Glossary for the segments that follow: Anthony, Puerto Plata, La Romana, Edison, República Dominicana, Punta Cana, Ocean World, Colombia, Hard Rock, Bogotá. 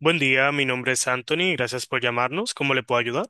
Buen día, mi nombre es Anthony, y gracias por llamarnos. ¿Cómo le puedo ayudar?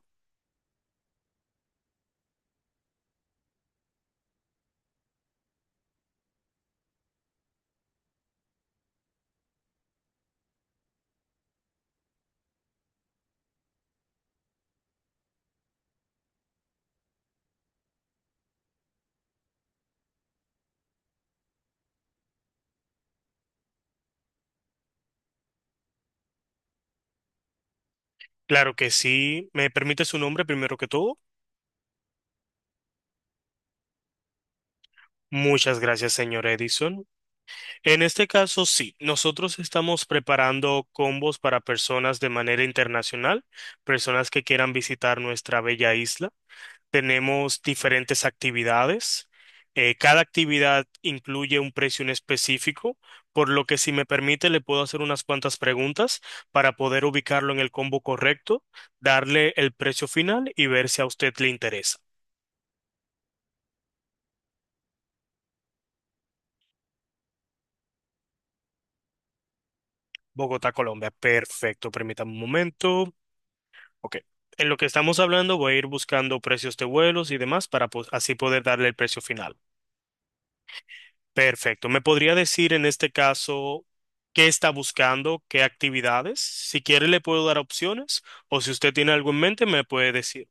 Claro que sí. ¿Me permite su nombre primero que todo? Muchas gracias, señor Edison. En este caso, sí, nosotros estamos preparando combos para personas de manera internacional, personas que quieran visitar nuestra bella isla. Tenemos diferentes actividades. Cada actividad incluye un precio en específico, por lo que si me permite le puedo hacer unas cuantas preguntas para poder ubicarlo en el combo correcto, darle el precio final y ver si a usted le interesa. Bogotá, Colombia. Perfecto, permítame un momento. Ok. En lo que estamos hablando voy a ir buscando precios de vuelos y demás para pues, así poder darle el precio final. Perfecto. ¿Me podría decir en este caso qué está buscando, qué actividades? Si quiere, le puedo dar opciones o si usted tiene algo en mente, me puede decir.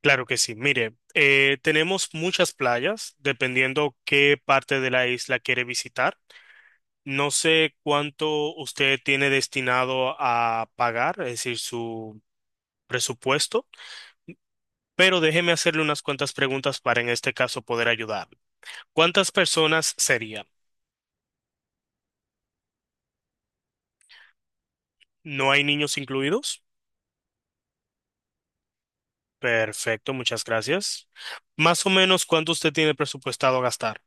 Claro que sí. Mire, tenemos muchas playas, dependiendo qué parte de la isla quiere visitar. No sé cuánto usted tiene destinado a pagar, es decir, su presupuesto, pero déjeme hacerle unas cuantas preguntas para en este caso poder ayudar. ¿Cuántas personas serían? ¿No hay niños incluidos? Perfecto, muchas gracias. Más o menos cuánto usted tiene presupuestado gastar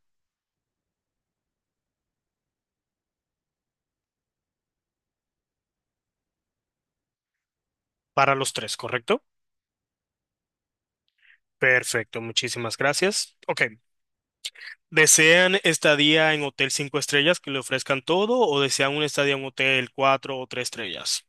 para los tres, ¿correcto? Perfecto, muchísimas gracias. Ok, ¿desean estadía en hotel cinco estrellas que le ofrezcan todo o desean una estadía en hotel cuatro o tres estrellas?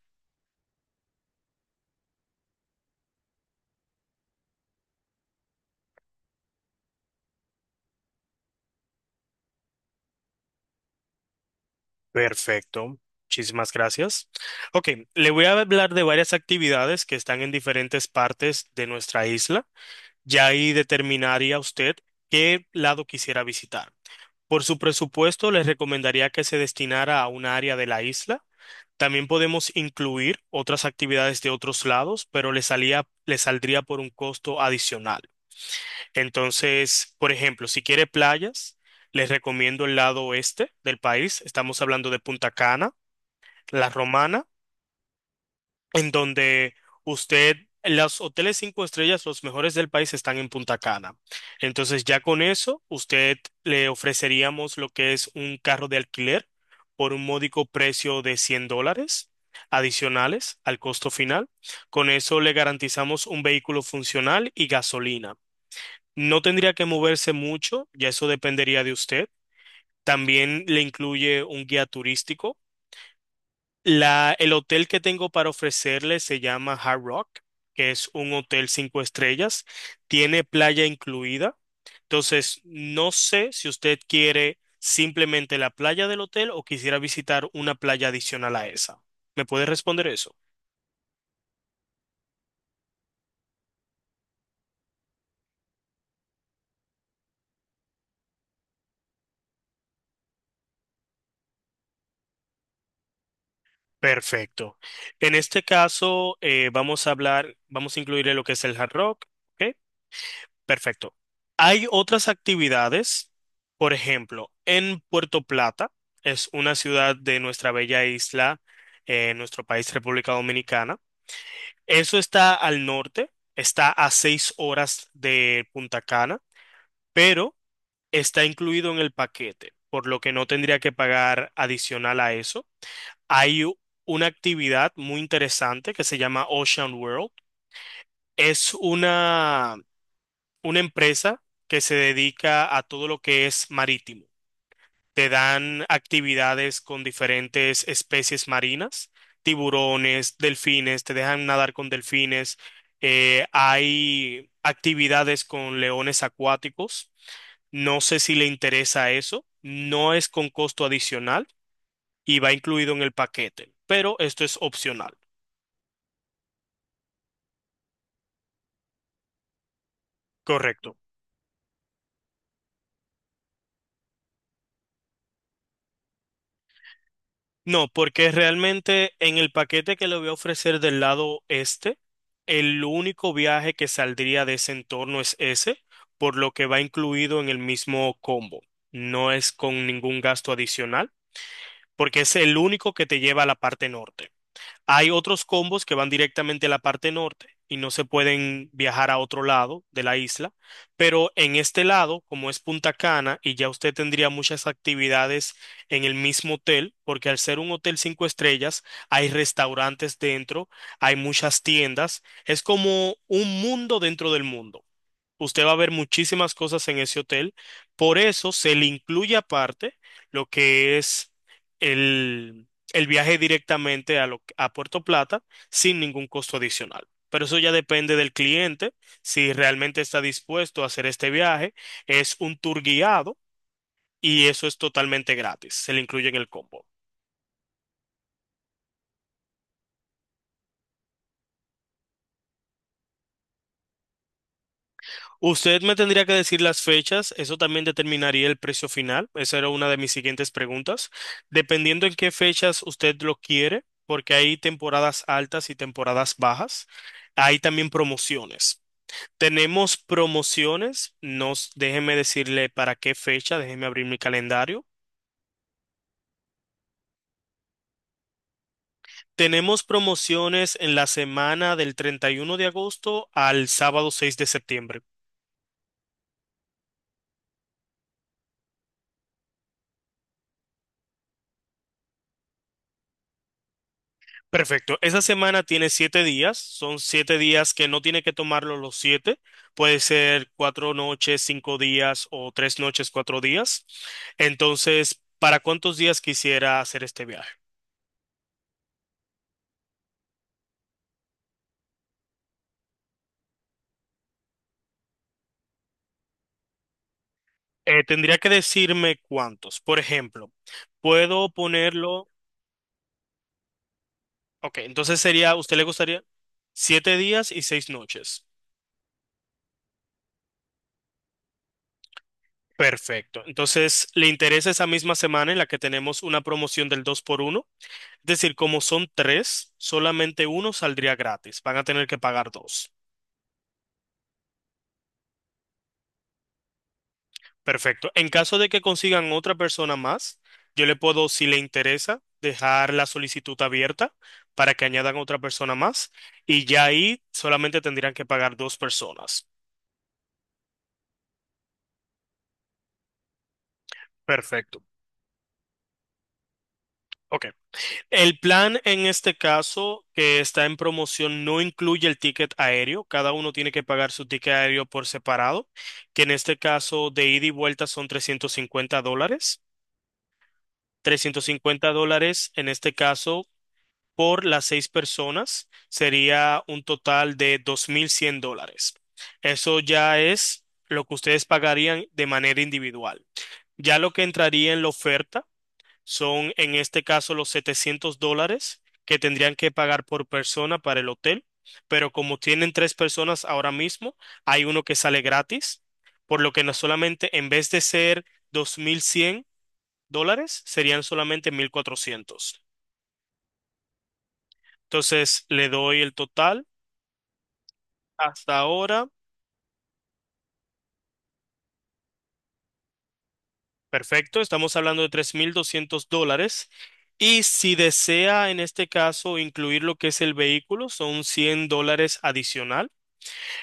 Perfecto, muchísimas gracias. Ok, le voy a hablar de varias actividades que están en diferentes partes de nuestra isla. Ya ahí determinaría usted qué lado quisiera visitar. Por su presupuesto, les recomendaría que se destinara a un área de la isla. También podemos incluir otras actividades de otros lados, pero le salía, le saldría por un costo adicional. Entonces, por ejemplo, si quiere playas, les recomiendo el lado oeste del país. Estamos hablando de Punta Cana, La Romana, en donde usted, los hoteles cinco estrellas, los mejores del país están en Punta Cana. Entonces ya con eso, usted le ofreceríamos lo que es un carro de alquiler por un módico precio de 100 dólares adicionales al costo final. Con eso le garantizamos un vehículo funcional y gasolina. No tendría que moverse mucho, ya eso dependería de usted. También le incluye un guía turístico, el hotel que tengo para ofrecerle se llama Hard Rock, que es un hotel cinco estrellas. Tiene playa incluida. Entonces, no sé si usted quiere simplemente la playa del hotel o quisiera visitar una playa adicional a esa. ¿Me puede responder eso? Perfecto. En este caso, vamos a incluirle lo que es el Hard Rock, ¿ok? Perfecto. Hay otras actividades, por ejemplo, en Puerto Plata. Es una ciudad de nuestra bella isla, nuestro país, República Dominicana. Eso está al norte, está a 6 horas de Punta Cana, pero está incluido en el paquete, por lo que no tendría que pagar adicional a eso. Hay una actividad muy interesante que se llama Ocean World. Es una empresa que se dedica a todo lo que es marítimo. Te dan actividades con diferentes especies marinas, tiburones, delfines, te dejan nadar con delfines. Hay actividades con leones acuáticos. No sé si le interesa eso. No es con costo adicional y va incluido en el paquete, pero esto es opcional. Correcto. No, porque realmente en el paquete que le voy a ofrecer del lado este, el único viaje que saldría de ese entorno es ese, por lo que va incluido en el mismo combo. No es con ningún gasto adicional, porque es el único que te lleva a la parte norte. Hay otros combos que van directamente a la parte norte y no se pueden viajar a otro lado de la isla, pero en este lado, como es Punta Cana, y ya usted tendría muchas actividades en el mismo hotel, porque al ser un hotel cinco estrellas, hay restaurantes dentro, hay muchas tiendas, es como un mundo dentro del mundo. Usted va a ver muchísimas cosas en ese hotel. Por eso se le incluye aparte lo que es el, el viaje directamente a Puerto Plata sin ningún costo adicional. Pero eso ya depende del cliente, si realmente está dispuesto a hacer este viaje. Es un tour guiado y eso es totalmente gratis. Se le incluye en el combo. Usted me tendría que decir las fechas, eso también determinaría el precio final, esa era una de mis siguientes preguntas. Dependiendo en qué fechas usted lo quiere, porque hay temporadas altas y temporadas bajas, hay también promociones. Tenemos promociones, déjeme decirle para qué fecha, déjeme abrir mi calendario. Tenemos promociones en la semana del 31 de agosto al sábado 6 de septiembre. Perfecto. Esa semana tiene 7 días. Son 7 días que no tiene que tomarlo los siete. Puede ser 4 noches, 5 días o 3 noches, 4 días. Entonces, ¿para cuántos días quisiera hacer este viaje? Tendría que decirme cuántos. Por ejemplo, puedo ponerlo. Ok, entonces sería, ¿usted le gustaría 7 días y 6 noches? Perfecto. Entonces, ¿le interesa esa misma semana en la que tenemos una promoción del dos por uno? Es decir, como son tres, solamente uno saldría gratis. Van a tener que pagar dos. Perfecto. En caso de que consigan otra persona más, yo le puedo, si le interesa, dejar la solicitud abierta para que añadan otra persona más y ya ahí solamente tendrían que pagar dos personas. Perfecto. Ok. El plan en este caso que está en promoción no incluye el ticket aéreo. Cada uno tiene que pagar su ticket aéreo por separado, que en este caso de ida y vuelta son 350 dólares. Trescientos cincuenta dólares, en este caso, por las seis personas, sería un total de 2.100 dólares. Eso ya es lo que ustedes pagarían de manera individual. Ya lo que entraría en la oferta son, en este caso, los 700 dólares que tendrían que pagar por persona para el hotel, pero como tienen tres personas ahora mismo, hay uno que sale gratis, por lo que no solamente en vez de ser 2.100 dólares, serían solamente 1.400. Entonces, le doy el total hasta ahora. Perfecto, estamos hablando de 3.200 dólares. Y si desea en este caso incluir lo que es el vehículo, son 100 dólares adicional.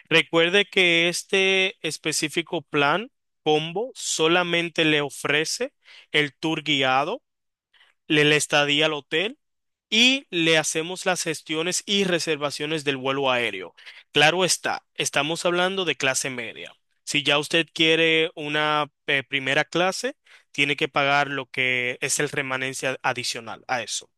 Recuerde que este específico plan combo solamente le ofrece el tour guiado, le la estadía al hotel y le hacemos las gestiones y reservaciones del vuelo aéreo. Claro está, estamos hablando de clase media. Si ya usted quiere una primera clase, tiene que pagar lo que es el remanencia adicional a eso.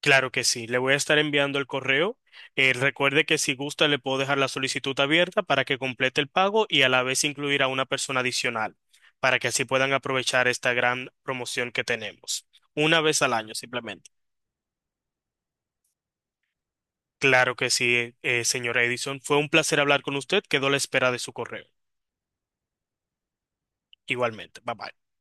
Claro que sí, le voy a estar enviando el correo. Recuerde que si gusta le puedo dejar la solicitud abierta para que complete el pago y a la vez incluir a una persona adicional, para que así puedan aprovechar esta gran promoción que tenemos. Una vez al año simplemente. Claro que sí, señora Edison. Fue un placer hablar con usted. Quedo a la espera de su correo. Igualmente. Bye bye.